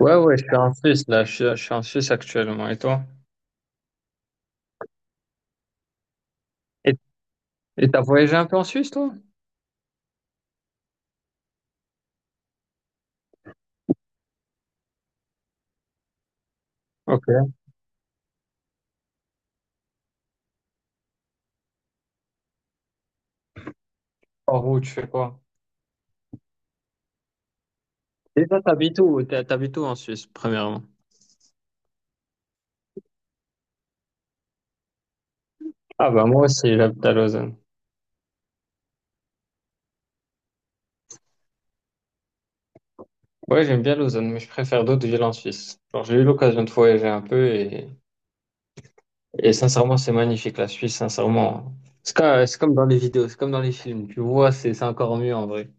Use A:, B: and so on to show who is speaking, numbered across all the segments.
A: Ouais, ouais, je suis en Suisse, là. Je suis en Suisse actuellement. Et toi? Et et t'as voyagé un peu en Suisse, toi? Ok. Par où, tu fais quoi? Et toi, t'habites où? T'habites où en Suisse, premièrement? Ah, bah, moi aussi, j'habite à Lausanne. Ouais, j'aime bien Lausanne, mais je préfère d'autres villes en Suisse. Genre, j'ai eu l'occasion de voyager un peu et sincèrement, c'est magnifique, la Suisse, sincèrement. C'est comme dans les vidéos, c'est comme dans les films. Tu vois, c'est encore mieux en vrai.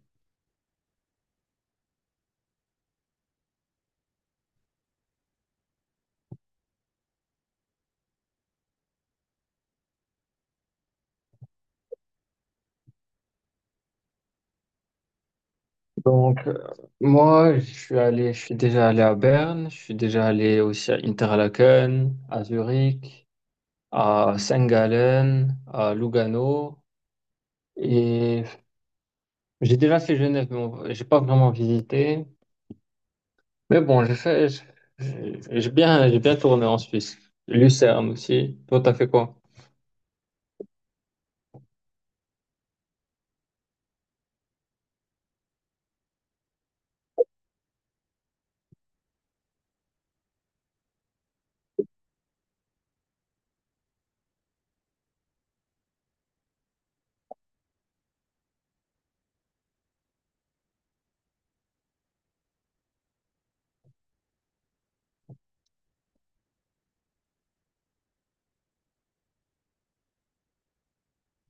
A: Donc, moi, je suis allé, je suis déjà allé à Berne, je suis déjà allé aussi à Interlaken, à Zurich, à Saint-Gallen, à Lugano. Et j'ai déjà fait Genève, mais j'ai pas vraiment visité. Mais bon, j'ai fait, j'ai bien tourné en Suisse. Lucerne aussi. Toi, t'as fait quoi?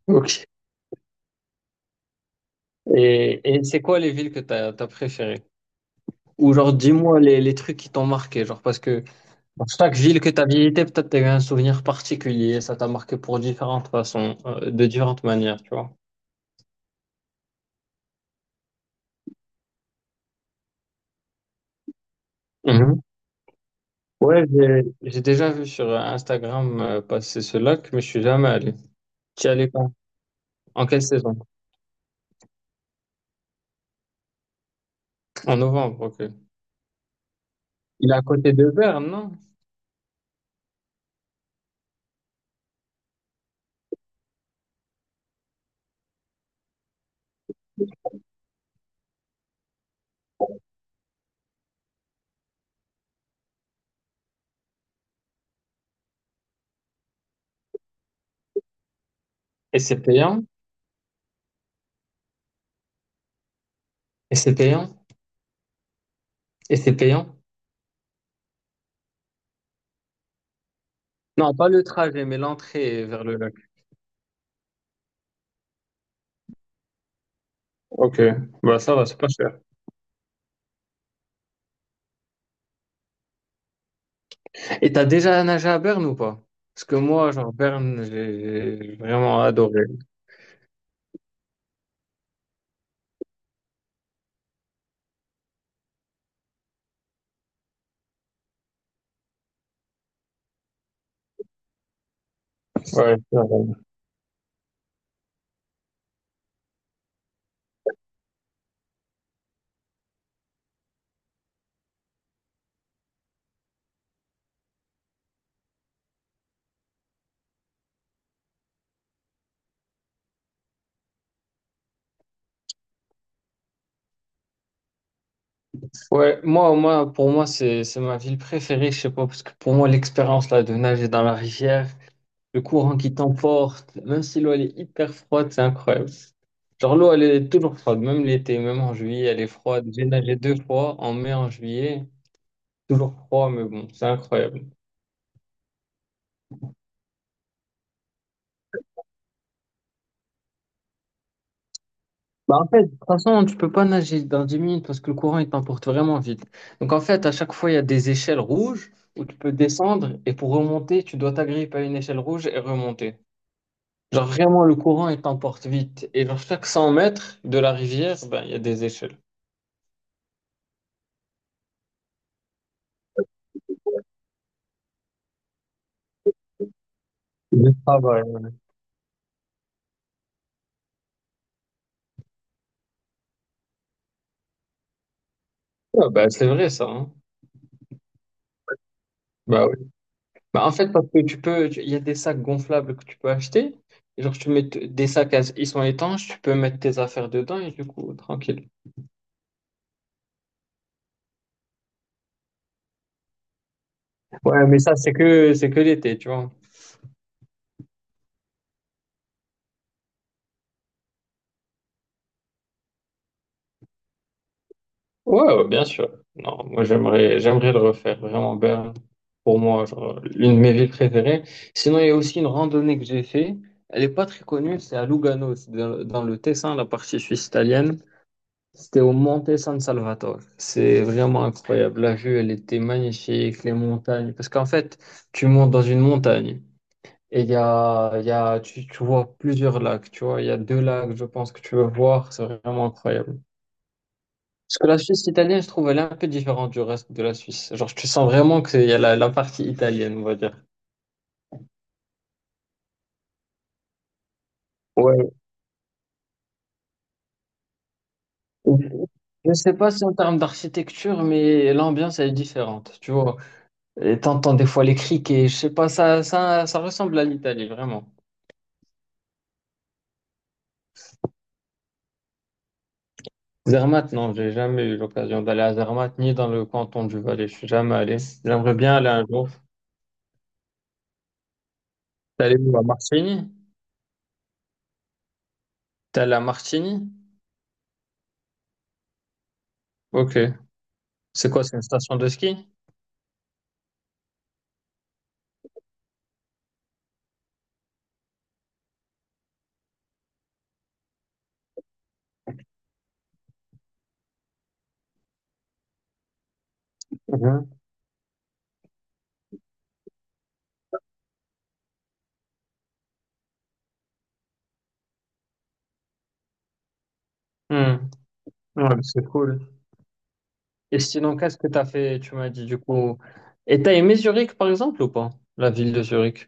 A: Ok. Et c'est quoi les villes que t'as, t'as préférées? Ou genre, dis-moi les trucs qui t'ont marqué, genre, parce que pour chaque ville que tu as visitée, peut-être tu as eu un souvenir particulier, ça t'a marqué pour différentes façons, de différentes manières, tu vois. Mhm. Ouais, j'ai déjà vu sur Instagram passer ce lac, mais je suis jamais allé. Tu y allais quand? En quelle saison? En novembre, ok. Il est à côté de Berne, non? Et c'est payant? Et c'est payant? Et c'est payant? Non, pas le trajet, mais l'entrée vers le lac. Ok, bah ça va, c'est pas cher. Et t'as déjà nagé à Berne ou pas? Parce que moi, genre, Berne, j'ai vraiment adoré. Ouais, ça va. Ouais, moi, moi, pour moi, c'est ma ville préférée, je sais pas, parce que pour moi, l'expérience là de nager dans la rivière, le courant qui t'emporte, même si l'eau elle est hyper froide, c'est incroyable. Genre l'eau elle est toujours froide, même l'été, même en juillet, elle est froide. J'ai nagé deux fois, en mai, en juillet, toujours froid, mais bon, c'est incroyable. Bah en fait, de toute façon, tu peux pas nager dans 10 minutes parce que le courant il t'emporte vraiment vite. Donc en fait, à chaque fois, il y a des échelles rouges où tu peux descendre et pour remonter, tu dois t'agripper à une échelle rouge et remonter. Genre vraiment, le courant, il t'emporte vite. Et vers chaque 100 mètres de la rivière, ben, il y a des échelles. Des travails. Ouais, ben, c'est vrai ça, hein. Bah oui. Bah, en fait, parce que il y a des sacs gonflables que tu peux acheter. Et genre, des sacs, ils sont étanches, tu peux mettre tes affaires dedans et du coup, tranquille. Ouais, mais ça, c'est que l'été, tu vois. Ouais, ouais, bien sûr. Non, moi j'aimerais le refaire vraiment bien pour moi, genre l'une de mes villes préférées. Sinon, il y a aussi une randonnée que j'ai fait. Elle est pas très connue, c'est à Lugano, c'est dans le Tessin, la partie suisse italienne. C'était au Monte San Salvatore. C'est vraiment incroyable. La vue, elle était magnifique, les montagnes. Parce qu'en fait, tu montes dans une montagne et il y a, tu vois plusieurs lacs, tu vois. Il y a deux lacs, je pense, que tu veux voir. C'est vraiment incroyable. Parce que la Suisse italienne, je trouve, elle est un peu différente du reste de la Suisse. Genre, tu sens vraiment qu'il y a la, la partie italienne, on va dire. Ouais. Je sais pas si en termes d'architecture, mais l'ambiance, elle est différente, tu vois. Et t'entends des fois les criques et je sais pas, ça ressemble à l'Italie, vraiment. Zermatt, non, j'ai jamais eu l'occasion d'aller à Zermatt, ni dans le canton du Valais. Je suis jamais allé. J'aimerais bien aller un jour. T'es allé où, à Martigny? T'es allé à Martigny? Ok. C'est quoi, c'est une station de ski? Mhm. Hmm. Ouais, c'est cool. Et sinon, qu'est-ce que tu as fait, tu m'as dit du coup. Et t'as aimé Zurich, par exemple, ou pas? La ville de Zurich.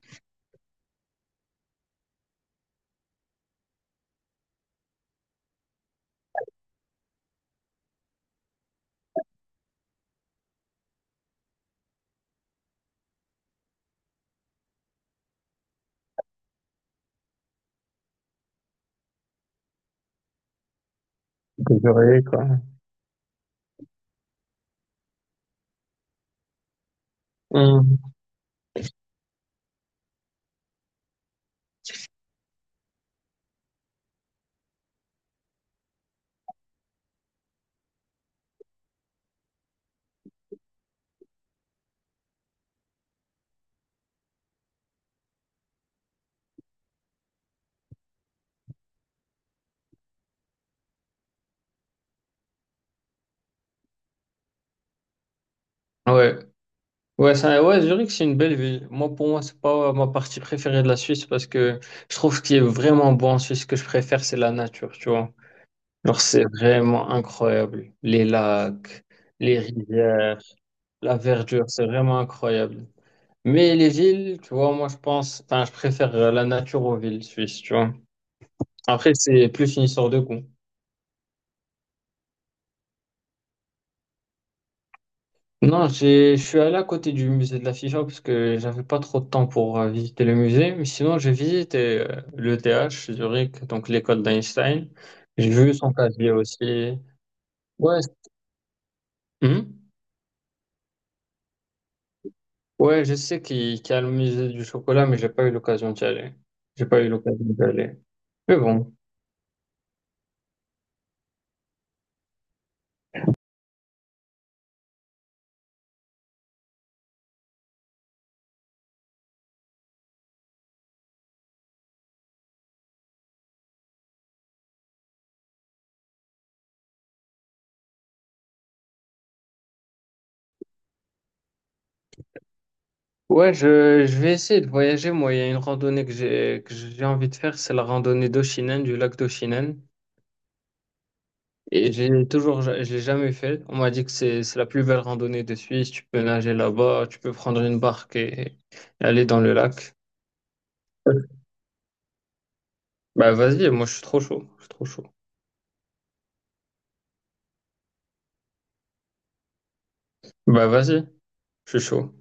A: Que j'aurais, quoi. Hmm. Ouais. Ouais, Zurich, c'est une belle ville. Moi, pour moi, c'est pas ma partie préférée de la Suisse parce que je trouve ce qui est vraiment beau en Suisse, ce que je préfère, c'est la nature, tu vois. Genre, c'est vraiment incroyable. Les lacs, les rivières, la verdure, c'est vraiment incroyable. Mais les villes, tu vois, moi, je pense, enfin, je préfère la nature aux villes suisses, tu vois. Après, c'est plus une histoire de goût. Non, je suis allé à côté du musée de la Figeac parce que j'avais pas trop de temps pour visiter le musée, mais sinon j'ai visité l'ETH Zurich, donc l'école d'Einstein. J'ai vu son casier aussi. Ouais, c- Hmm. Ouais, je sais qu'il y a le musée du chocolat, mais j'ai pas eu l'occasion d'y aller. J'ai pas eu l'occasion d'y aller. Mais bon. Ouais, je vais essayer de voyager. Moi, il y a une randonnée que j'ai envie de faire, c'est la randonnée d'Oshinen, du lac d'Oshinen. Et j'ai toujours, je l'ai jamais fait. On m'a dit que c'est la plus belle randonnée de Suisse. Tu peux nager là-bas, tu peux prendre une barque et aller dans le lac. Bah vas-y, moi je suis trop chaud. Je suis trop chaud. Bah vas-y, je suis chaud.